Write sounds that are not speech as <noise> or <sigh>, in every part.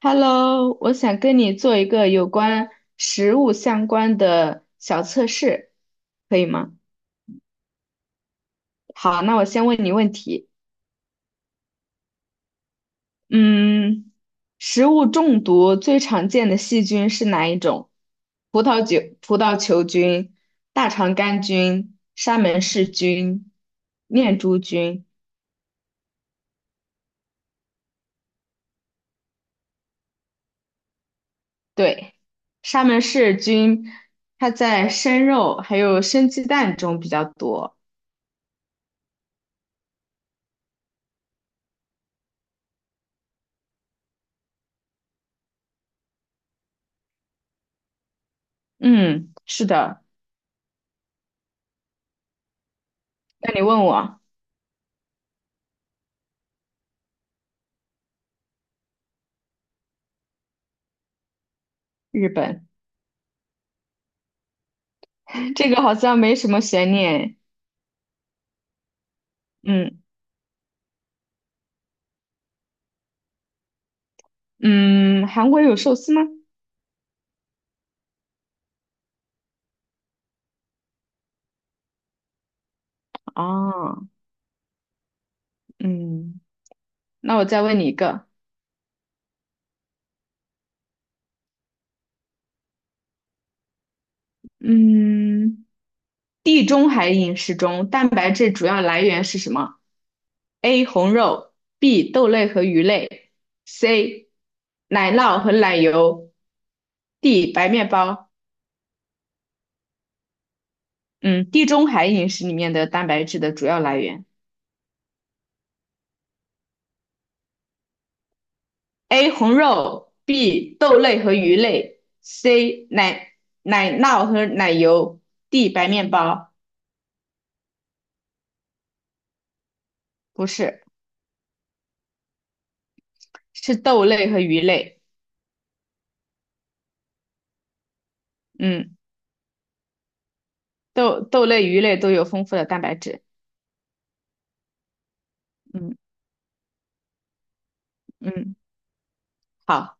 Hello，我想跟你做一个有关食物相关的小测试，可以吗？好，那我先问你问题。嗯，食物中毒最常见的细菌是哪一种？葡萄酒、葡萄球菌、大肠杆菌、沙门氏菌、念珠菌。对，沙门氏菌它在生肉还有生鸡蛋中比较多。嗯，是的。那你问我。日本，这个好像没什么悬念。嗯嗯，韩国有寿司吗？哦，嗯，那我再问你一个，嗯，地中海饮食中蛋白质主要来源是什么？A. 红肉，B. 豆类和鱼类，C. 奶酪和奶油，D. 白面包。嗯，地中海饮食里面的蛋白质的主要来源。A 红肉，B 豆类和鱼类，C 奶酪和奶油，D 白面包。不是，是豆类和鱼类。嗯，豆类、鱼类都有丰富的蛋白质。嗯嗯，好，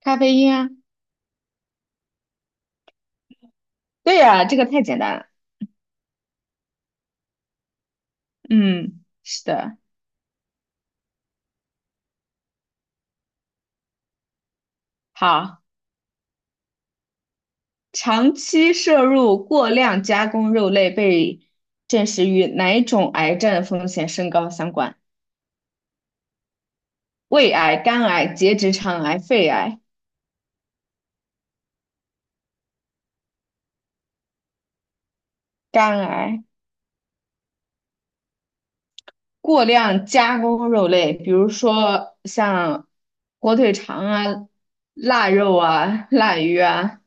咖啡因啊，对呀、这个太简单了。嗯，是的，好，长期摄入过量加工肉类被证实与哪种癌症风险升高相关？胃癌、肝癌、结直肠癌、肺癌。肝癌，过量加工肉类，比如说像火腿肠啊、腊肉啊、腊鱼啊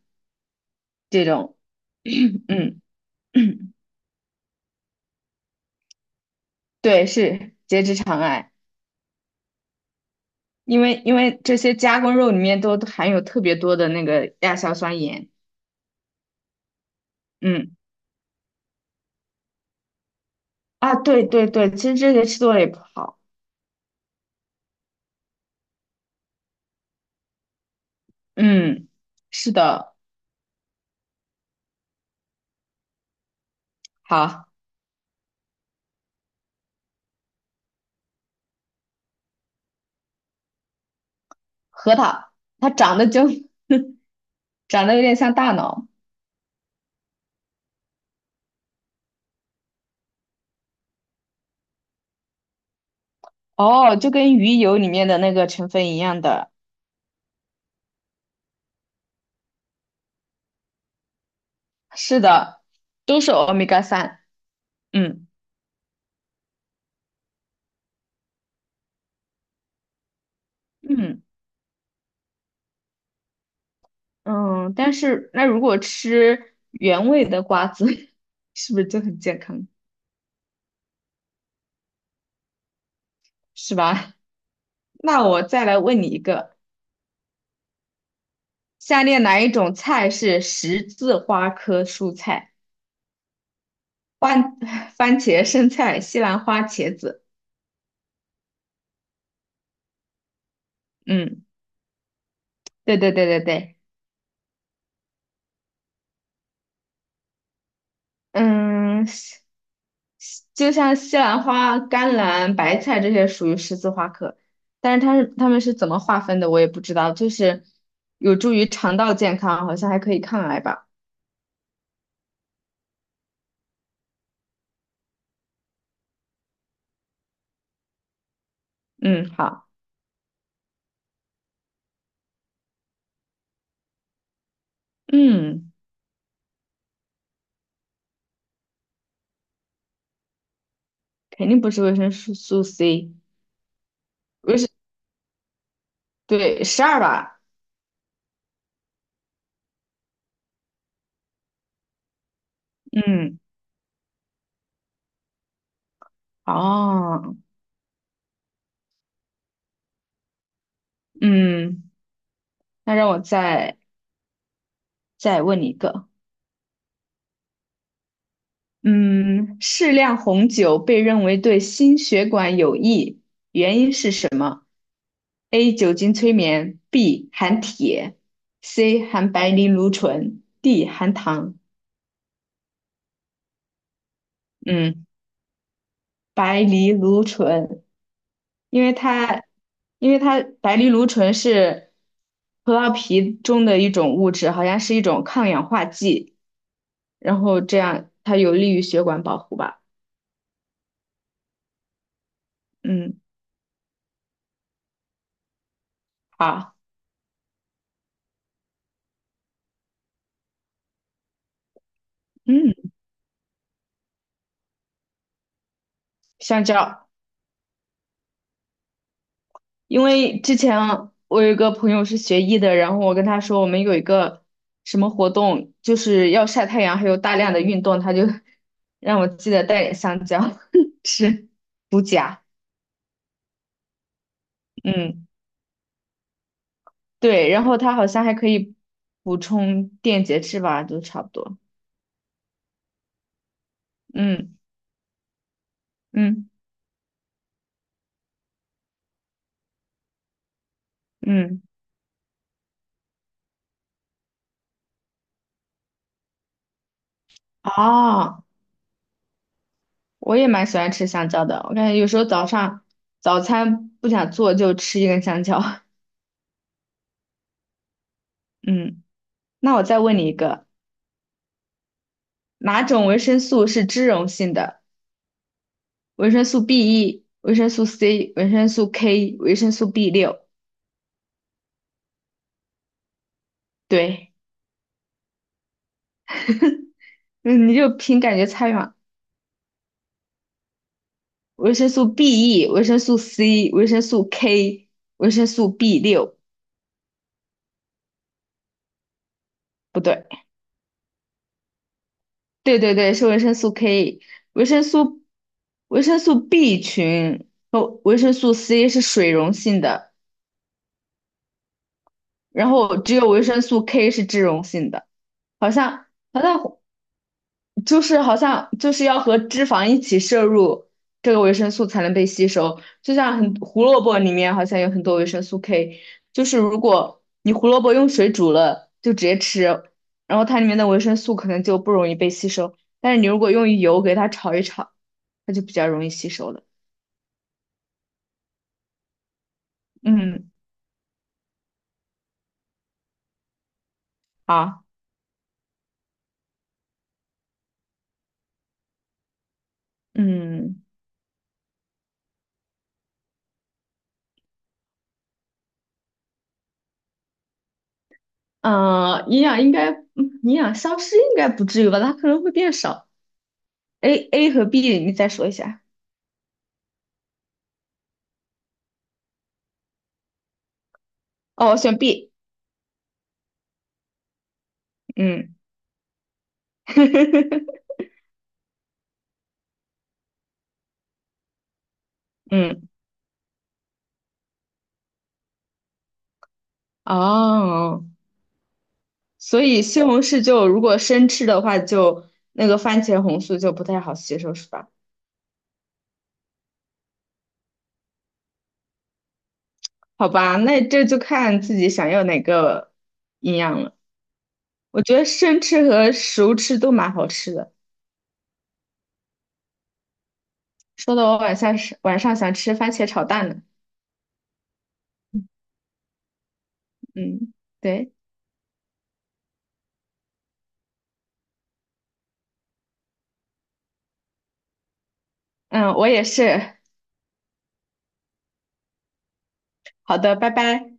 这种，<clears throat> 嗯，<clears throat> 对，是结直肠癌，因为这些加工肉里面都含有特别多的那个亚硝酸盐，嗯，啊，对对对，其实这些吃多了也不好，嗯，是的，好，核桃它长得就 <laughs> 长得有点像大脑，哦，就跟鱼油里面的那个成分一样的，是的，都是欧米伽三。嗯嗯嗯，但是那如果吃原味的瓜子，<laughs> 是不是就很健康？是吧？那我再来问你一个，下列哪一种菜是十字花科蔬菜？番 <laughs> 番茄、生菜、西兰花、茄子。嗯，对对对对对。嗯，西就像西兰花、甘蓝、白菜这些属于十字花科，但是它们是怎么划分的，我也不知道。就是有助于肠道健康，好像还可以抗癌吧。嗯，好，嗯，肯定不是维生素 C，维生，对，12吧。嗯，哦，嗯，那让我再问你一个，嗯，适量红酒被认为对心血管有益，原因是什么？：A. 酒精催眠；B. 含铁；C. 含白藜芦醇；D. 含糖。嗯，白藜芦醇，因为它，因为它白藜芦醇是葡萄皮中的一种物质，好像是一种抗氧化剂，然后这样它有利于血管保护吧。嗯，好，嗯，香蕉。因为之前我有一个朋友是学医的，然后我跟他说我们有一个什么活动，就是要晒太阳，还有大量的运动，他就 <laughs> 让我记得带点香蕉 <laughs> 吃，补钾。嗯，对，然后它好像还可以补充电解质吧，都差不多。嗯嗯嗯，哦，我也蛮喜欢吃香蕉的，我感觉有时候早上早餐不想做就吃一根香蕉。<laughs> 嗯，那我再问你一个。哪种维生素是脂溶性的？维生素 B1、维生素 C、维生素 K、维生素 b 六。对，嗯，你就凭感觉猜嘛。维生素 BE、维生素 C、维生素 K、维生素 b 六，不对，对对对，是维生素 K、维生素维生素 B 群和维生素 C 是水溶性的，然后只有维生素 K 是脂溶性的，好像好像就是好像就是要和脂肪一起摄入这个维生素才能被吸收，就像胡萝卜里面好像有很多维生素 K，就是如果你胡萝卜用水煮了就直接吃，然后它里面的维生素可能就不容易被吸收，但是你如果用油给它炒一炒，它就比较容易吸收了。嗯，好，嗯，营养消失应该不至于吧？它可能会变少。A 和 B 你再说一下。哦，我选 B。嗯。<laughs> 嗯，哦，所以西红柿就如果生吃的话就，那个番茄红素就不太好吸收，是吧？好吧，那这就看自己想要哪个营养了。我觉得生吃和熟吃都蛮好吃的，说的我晚上想吃番茄炒蛋呢。嗯，对，嗯，我也是。好的，拜拜。